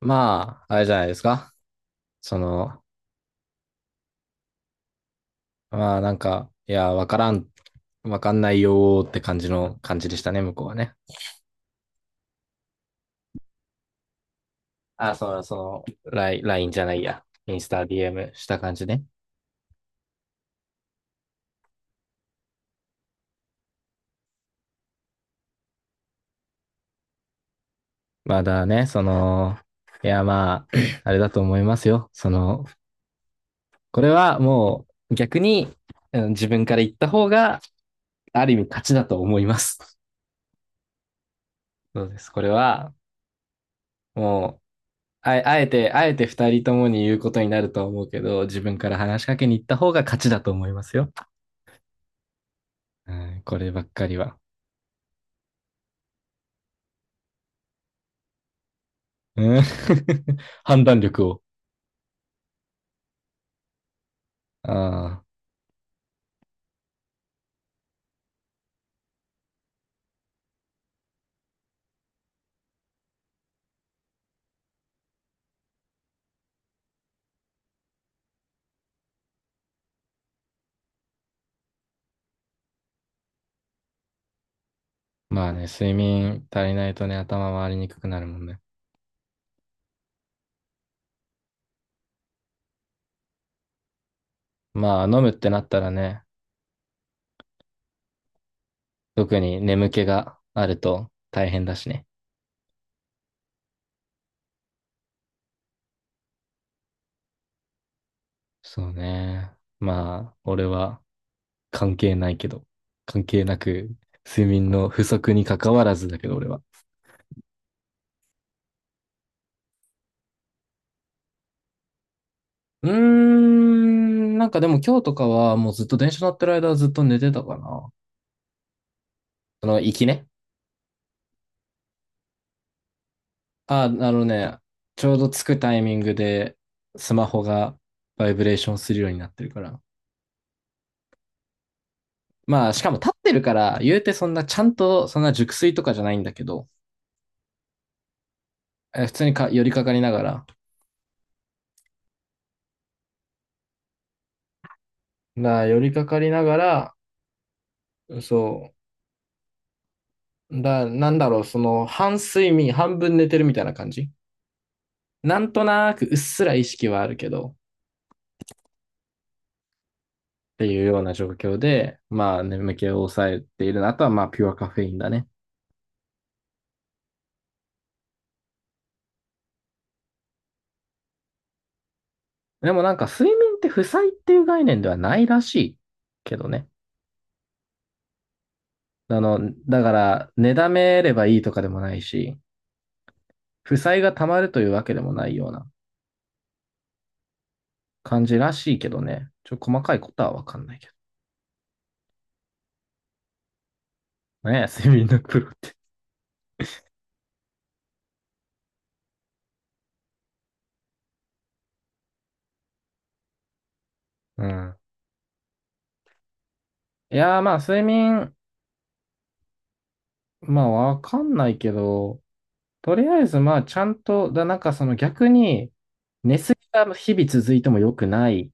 まあ、あれじゃないですか。その、わからん、わかんないよーって感じの感じでしたね、向こうはね。あ、その、ライン、LINE じゃないや。インスタ DM した感じね。まだね、その、いや、まあ、あれだと思いますよ。その、これはもう逆に、うん、自分から言った方が、ある意味勝ちだと思います。そうです。これは、もあえて二人ともに言うことになるとは思うけど、自分から話しかけに行った方が勝ちだと思いますよ。うん、こればっかりは。うん、 判断力を。ああ、まあね、睡眠足りないとね、頭回りにくくなるもんね。まあ、飲むってなったらね、特に眠気があると大変だしね。そうね。まあ、俺は関係ないけど、関係なく、睡眠の不足に関わらずだけど、俺は。うーん、なんかでも今日とかはもうずっと電車乗ってる間はずっと寝てたかな。その、行きね。あのね、ちょうど着くタイミングでスマホがバイブレーションするようになってるから。まあ、しかも立ってるから、言うてそんなちゃんとそんな熟睡とかじゃないんだけど、え、普通にか寄りかかりながら。寄りかかりながら、そう。なんだろう、その、半睡眠、半分寝てるみたいな感じ。なんとなくうっすら意識はあるけど、っていうような状況で、まあ眠気を抑えているの。あとはまあピュアカフェインだね。でもなんか睡眠って負債っていう概念ではないらしいけどね。あの、だから、寝だめればいいとかでもないし、負債が溜まるというわけでもないような感じらしいけどね。ちょ、細かいことはわかんないけど。ねえ、睡眠のプロって。うん。いやーまあ睡眠、まあわかんないけど、とりあえずまあちゃんと、なんかその逆に、寝すぎが日々続いても良くない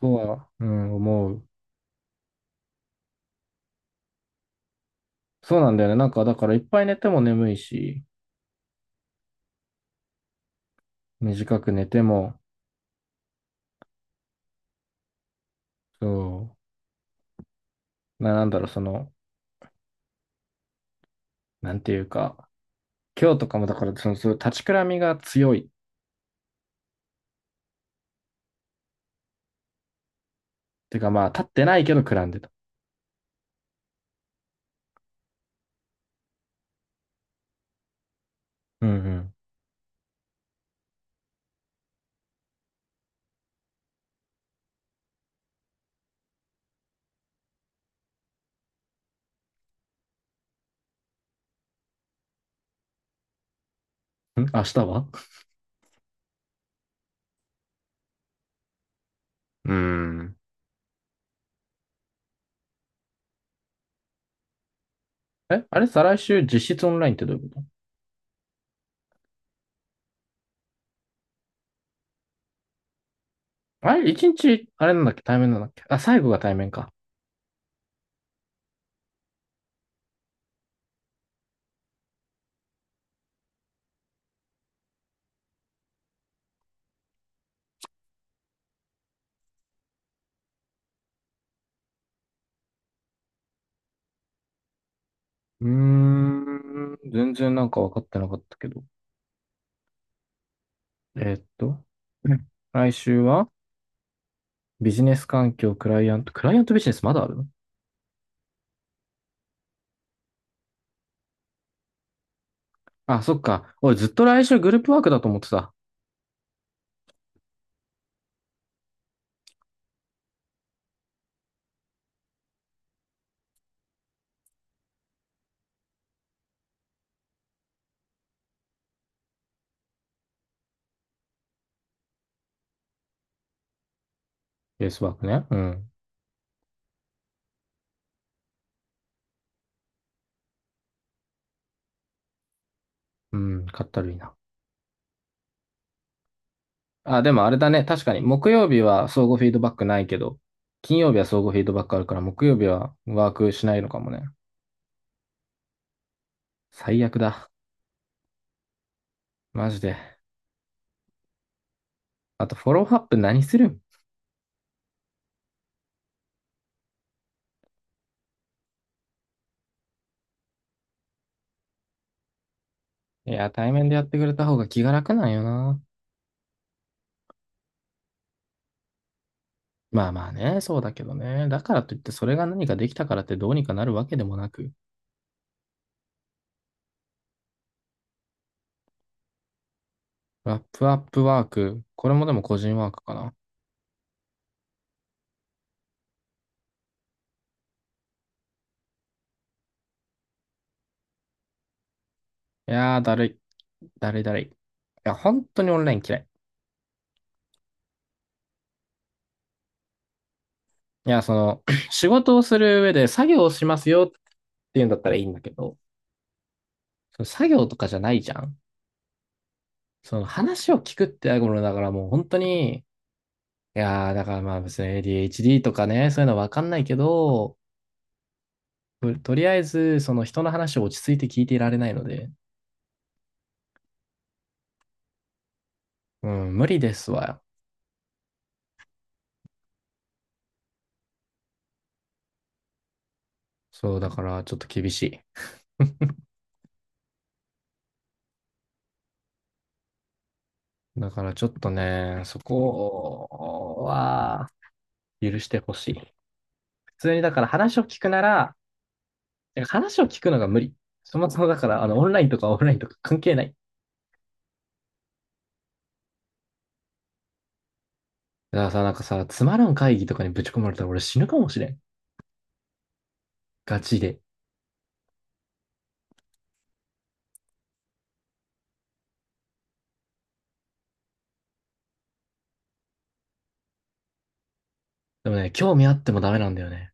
とは、うん、思う。そうなんだよね。なんか、だからいっぱい寝ても眠いし、短く寝ても、そう、なんだろう、その、なんていうか、今日とかもだから、その、そう、立ちくらみが強い。てか、まあ、立ってないけどくらんでた。うんうん。ん、明日は、うーん。え、あれ、再来週実質オンラインってどういうこと？あれ、一日、あれなんだっけ、対面なんだっけ。あ、最後が対面か。うーん、全然なんか分かってなかったけど。えーっと、うん、来週はビジネス環境、クライアントビジネスまだある？あ、そっか。俺ずっと来週グループワークだと思ってた。ベースワークね。うん。うん、かったるいな。あ、でもあれだね。確かに、木曜日は相互フィードバックないけど、金曜日は相互フィードバックあるから、木曜日はワークしないのかもね。最悪だ。マジで。あと、フォローアップ何するん？いや、対面でやってくれた方が気が楽なんよな。まあまあね、そうだけどね。だからといって、それが何かできたからってどうにかなるわけでもなく。ラップアップワーク。これもでも個人ワークかな。いやー、だるい。いや、本当にオンライン嫌い。いや、その、仕事をする上で作業をしますよっていうんだったらいいんだけど、その作業とかじゃないじゃん。その話を聞くってやるものだからもう本当に、いやー、だからまあ別に ADHD とかね、そういうのわかんないけど、とりあえず、その人の話を落ち着いて聞いていられないので、うん、無理ですわ。そう、だからちょっと厳しい。だからちょっとね、そこは許してほしい。普通にだから話を聞くなら、いや、話を聞くのが無理。そもそもだから、あの、オンラインとかオフラインとか関係ない。だからさ、なんかさ、つまらん会議とかにぶち込まれたら俺死ぬかもしれん。ガチで。でもね、興味あってもダメなんだよね。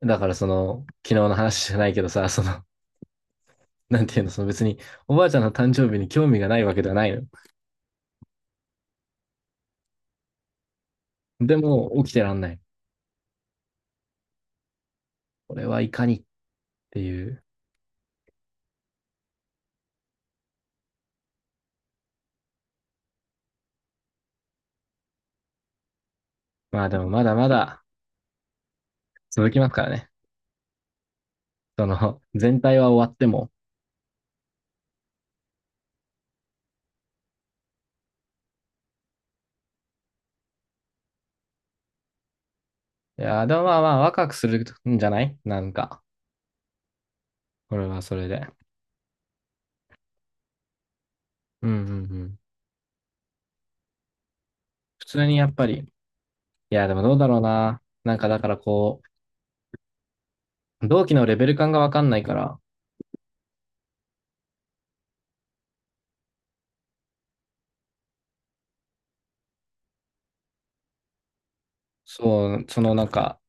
だからその、昨日の話じゃないけどさ、その、なんていうの、その別におばあちゃんの誕生日に興味がないわけではないの。でも起きてらんない。これはいかにっていう。まあでもまだまだ続きますからね。その、全体は終わっても。いや、でもまあまあ、ワクワクするんじゃないなんか、これはそれで。うんうんうん。普通にやっぱり、いや、でもどうだろうな。なんかだからこう、同期のレベル感がわかんないから、そう、そのなんか、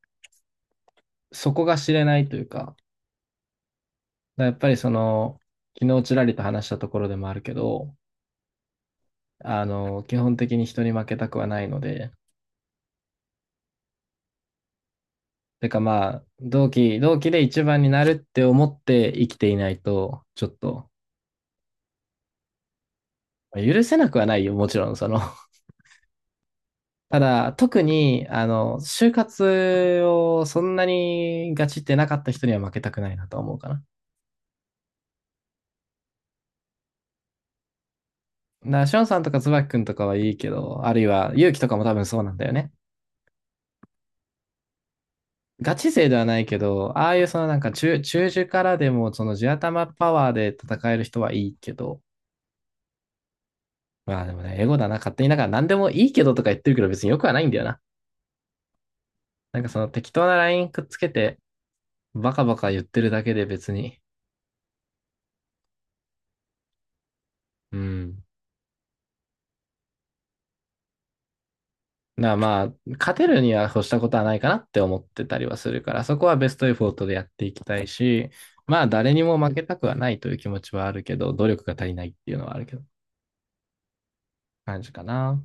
そこが知れないというか、だからやっぱりその、昨日ちらりと話したところでもあるけど、あの、基本的に人に負けたくはないので、てかまあ、同期で一番になるって思って生きていないと、ちょっと。許せなくはないよ、もちろん、その。ただ、特に、あの、就活をそんなにガチってなかった人には負けたくないなと思うかな。だから、ションさんとか椿くんとかはいいけど、あるいは、勇気とかも多分そうなんだよね。ガチ勢ではないけど、ああいうそのなんか中樹からでも、その地頭パワーで戦える人はいいけど、まあでもね、エゴだな、勝手になんか何でもいいけどとか言ってるけど別によくはないんだよな。なんかその適当なラインくっつけて、バカバカ言ってるだけで別に、うん、なまあ、勝てるには越したことはないかなって思ってたりはするから、そこはベストエフォートでやっていきたいし、まあ、誰にも負けたくはないという気持ちはあるけど、努力が足りないっていうのはあるけど、感じかな。